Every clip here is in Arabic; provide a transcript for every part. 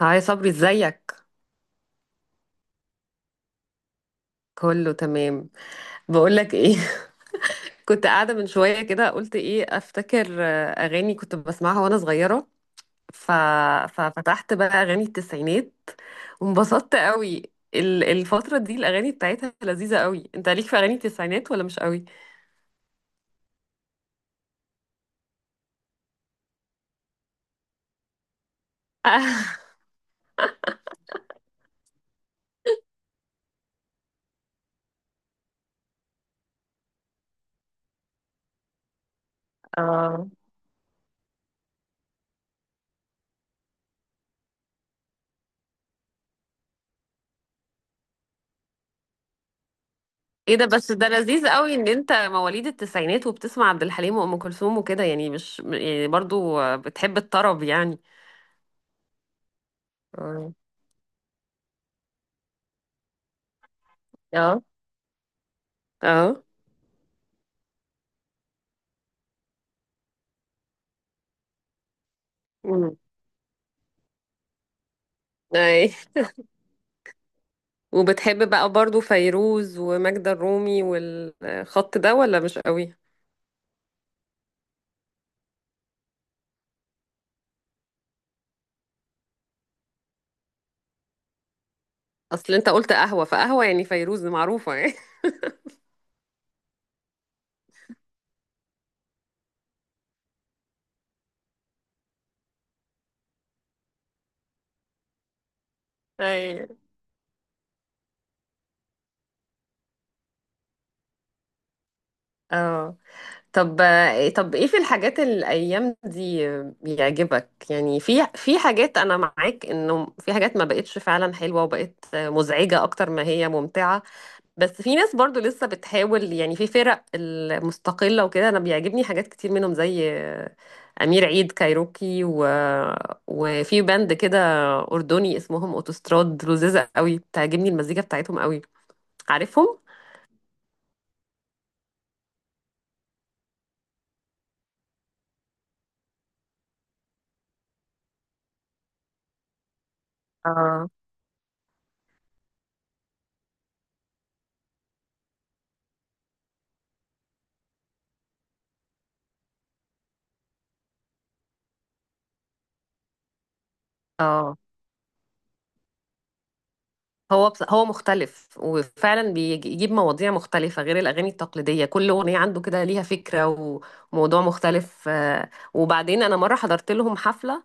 هاي صبري، ازيك؟ كله تمام. بقولك ايه؟ كنت قاعدة من شوية كده، قلت ايه افتكر اغاني كنت بسمعها وانا صغيرة. ف... ففتحت بقى اغاني التسعينات، وانبسطت قوي. الفترة دي الاغاني بتاعتها لذيذة قوي. انت ليك في اغاني التسعينات ولا مش قوي؟ اه. ايه ده؟ بس ده لذيذ قوي ان انت مواليد التسعينات وبتسمع عبد الحليم وام كلثوم وكده، يعني مش يعني برضو، بتحب الطرب يعني. اه. اه. اه. اي. وبتحب بقى برضو فيروز وماجدة الرومي والخط ده، ولا مش قوي؟ اصل انت قلت قهوة، فقهوة يعني فيروز معروفة يعني. اي. اه. طب. ايه في الحاجات الايام دي بيعجبك؟ يعني في حاجات، انا معاك انه في حاجات ما بقتش فعلا حلوة وبقت مزعجة اكتر ما هي ممتعة. بس في ناس برضو لسه بتحاول، يعني في فرق المستقلة وكده انا بيعجبني حاجات كتير منهم، زي امير عيد كايروكي وفي باند كده اردني اسمهم اوتوستراد، لذيذه قوي، بتعجبني المزيكا بتاعتهم قوي. عارفهم؟ اه. اه. هو مختلف، وفعلا بيجيب مواضيع مختلفة غير الأغاني التقليدية. كل أغنية عنده كده ليها فكرة وموضوع مختلف. وبعدين أنا مرة حضرت لهم حفلة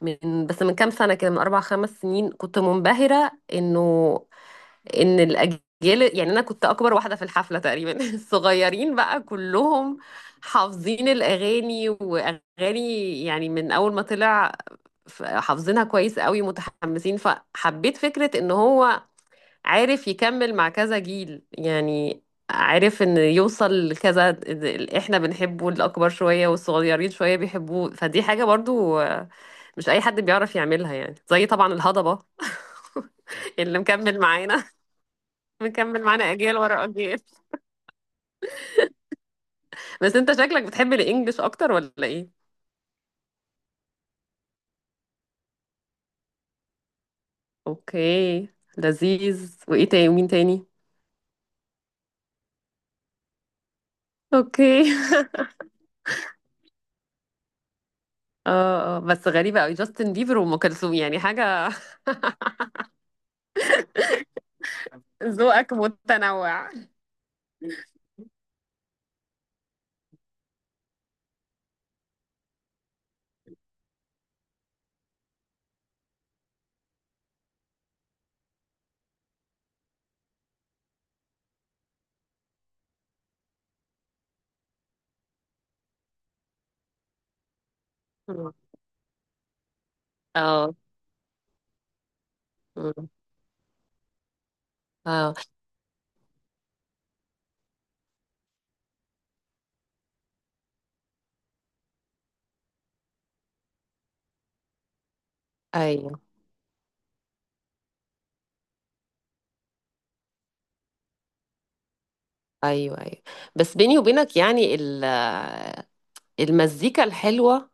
من كام سنة كده، من أربع خمس سنين، كنت منبهرة ان الاجيال، يعني انا كنت اكبر واحده في الحفله تقريبا. الصغيرين بقى كلهم حافظين الاغاني، واغاني يعني من اول ما طلع، حافظينها كويس قوي، متحمسين. فحبيت فكره ان هو عارف يكمل مع كذا جيل يعني، عارف ان يوصل لكذا. اللي احنا بنحبه الاكبر شويه والصغيرين شويه بيحبوه، فدي حاجه برضو، مش اي حد بيعرف يعملها. يعني زي طبعا الهضبه. اللي مكمل معانا اجيال ورا اجيال. بس انت شكلك بتحب الانجليش اكتر، ولا ايه؟ اوكي. لذيذ. وايه تاني، ومين تاني؟ اوكي. اه. اه. بس غريبه قوي، جاستن بيبر وام كلثوم يعني حاجه. ذوقك متنوع. اه. مم. اه. ايوه، ايوه، ايوه. بس بيني وبينك، يعني المزيكا الحلوه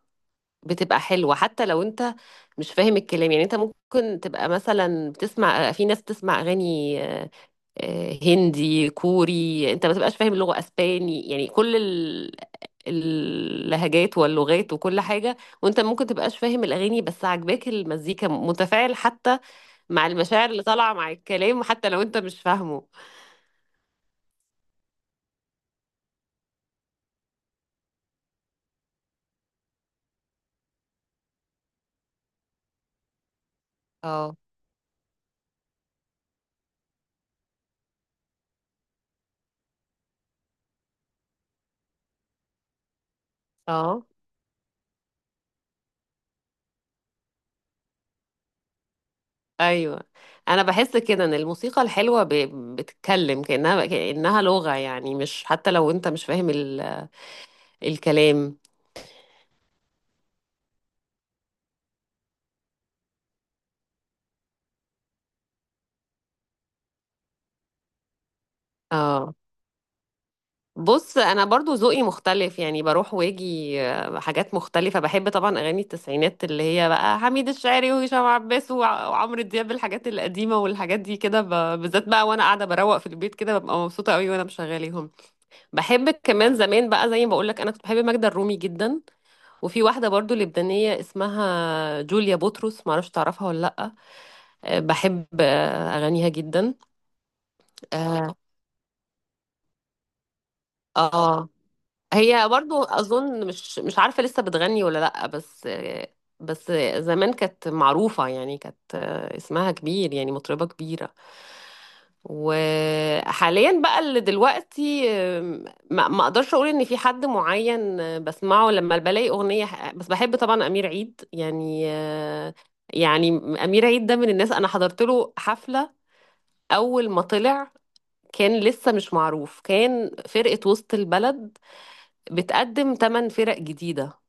بتبقى حلوه حتى لو انت مش فاهم الكلام. يعني انت ممكن تبقى مثلا بتسمع، في ناس بتسمع اغاني، هندي، كوري، انت ما تبقاش فاهم اللغه، اسباني، يعني كل اللهجات واللغات وكل حاجه. وانت ممكن تبقاش فاهم الاغاني بس عاجباك المزيكا، متفاعل حتى مع المشاعر اللي طالعه مع الكلام، حتى لو انت مش فاهمه. اه. اه. ايوه، انا بحس كده ان الموسيقى الحلوه بتتكلم، كانها لغه يعني، مش حتى لو انت مش فاهم الكلام. اه. بص، انا برضو ذوقي مختلف، يعني بروح واجي حاجات مختلفه. بحب طبعا اغاني التسعينات، اللي هي بقى حميد الشاعري وهشام عباس وعمرو دياب، الحاجات القديمه والحاجات دي كده بالذات بقى، وانا قاعده بروق في البيت كده ببقى مبسوطه قوي وانا مشغلاهم. بحب كمان زمان بقى، زي ما بقول لك، انا كنت بحب ماجدة الرومي جدا. وفي واحدة برضو لبنانية اسمها جوليا بطرس، معرفش تعرفها ولا لأ. بحب أغانيها جدا. اه. آه. هي برضو أظن مش عارفة لسه بتغني ولا لأ، بس زمان كانت معروفة، يعني كانت اسمها كبير، يعني مطربة كبيرة. وحاليا بقى، اللي دلوقتي، ما اقدرش اقول ان في حد معين بسمعه، لما بلاقي اغنيه بس بحب طبعا امير عيد، يعني. يعني امير عيد ده من الناس انا حضرت له حفله اول ما طلع، كان لسه مش معروف، كان فرقه وسط البلد بتقدم ثمان فرق جديده.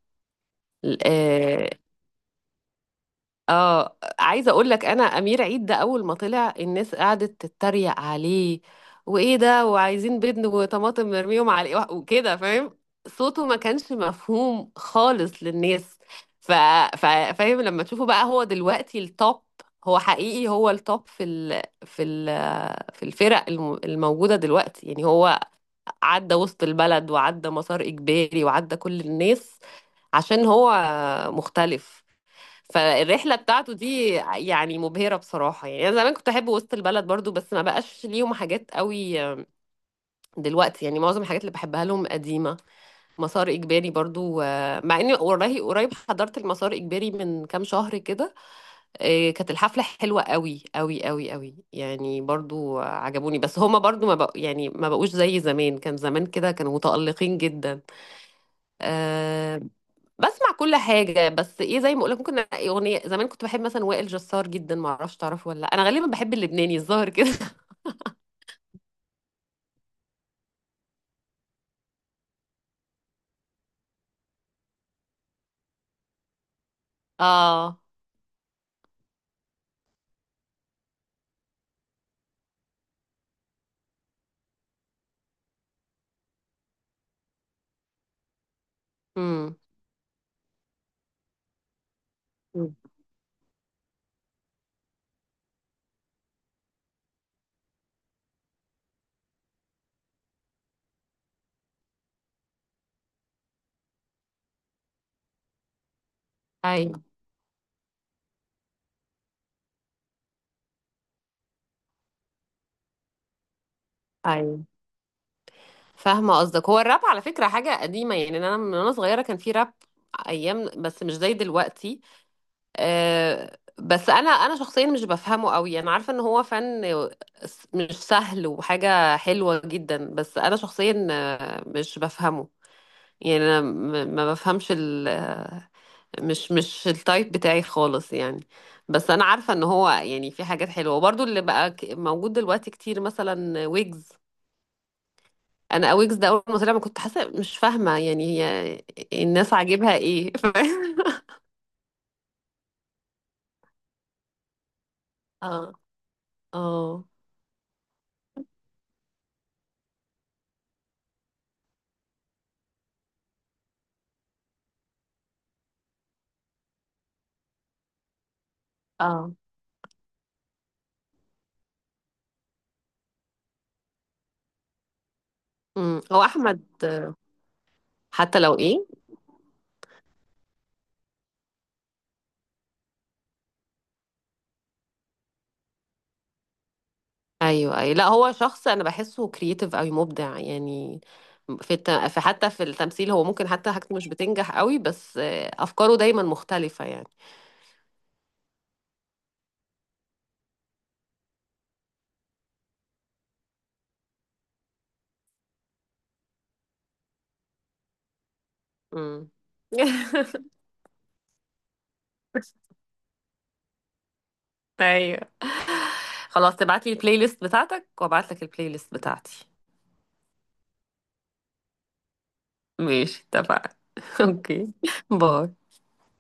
اه، عايزه اقول لك، انا امير عيد ده اول ما طلع الناس قعدت تتريق عليه، وايه ده، وعايزين بيض وطماطم مرميهم عليه، وكده، فاهم؟ صوته ما كانش مفهوم خالص للناس. ف... ف... فاهم؟ لما تشوفه بقى هو دلوقتي التوب. هو حقيقي هو التوب في الفرق الموجوده دلوقتي، يعني هو عدى وسط البلد وعدى مسار اجباري وعدى كل الناس عشان هو مختلف. فالرحلة بتاعته دي يعني مبهرة بصراحة. يعني أنا زمان كنت أحب وسط البلد برضو، بس ما بقاش ليهم حاجات قوي دلوقتي، يعني معظم الحاجات اللي بحبها لهم قديمة. مسار إجباري برضو، مع إني قريب قريب حضرت المسار إجباري من كام شهر كده. كانت الحفلة حلوة قوي قوي قوي قوي، يعني برضو عجبوني، بس هما برضو ما بق... يعني ما بقوش زي زمان، كان زمان كده كانوا متألقين جدا. أه، بسمع كل حاجة، بس ايه، زي ما اقولك ممكن أنقي اغنية. زمان كنت بحب مثلا وائل جسار جدا، ما اعرفش تعرفه ولا لأ. انا غالبا بحب اللبناني الظاهر كده. اه. امم. ايوه، ايوه، فاهمة قصدك. هو الراب على فكرة حاجة قديمة يعني، انا من وانا صغيرة كان في راب ايام، بس مش زي دلوقتي. أه بس انا شخصيا مش بفهمه قوي، انا عارفة ان هو فن مش سهل وحاجة حلوة جدا، بس انا شخصيا مش بفهمه، يعني انا ما بفهمش ال مش مش التايب بتاعي خالص يعني. بس انا عارفه ان هو يعني في حاجات حلوه، وبرضو اللي بقى موجود دلوقتي كتير، مثلا ويجز. انا ويجز ده اول ما طلع ما كنت حاسه، مش فاهمه يعني هي الناس عاجبها ايه؟ اه. اه. اه. هو احمد. حتى لو ايه؟ ايوه، ايوه. لا، هو شخص انا بحسه كرييتيف قوي، مبدع يعني، في الت... في حتى في التمثيل. هو ممكن حتى حاجته مش بتنجح قوي، بس افكاره دايما مختلفة يعني. امم. ايوه، خلاص، تبعت لي البلاي ليست بتاعتك وابعت لك البلاي ليست بتاعتي. ماشي، اتفقنا. اوكي. باي.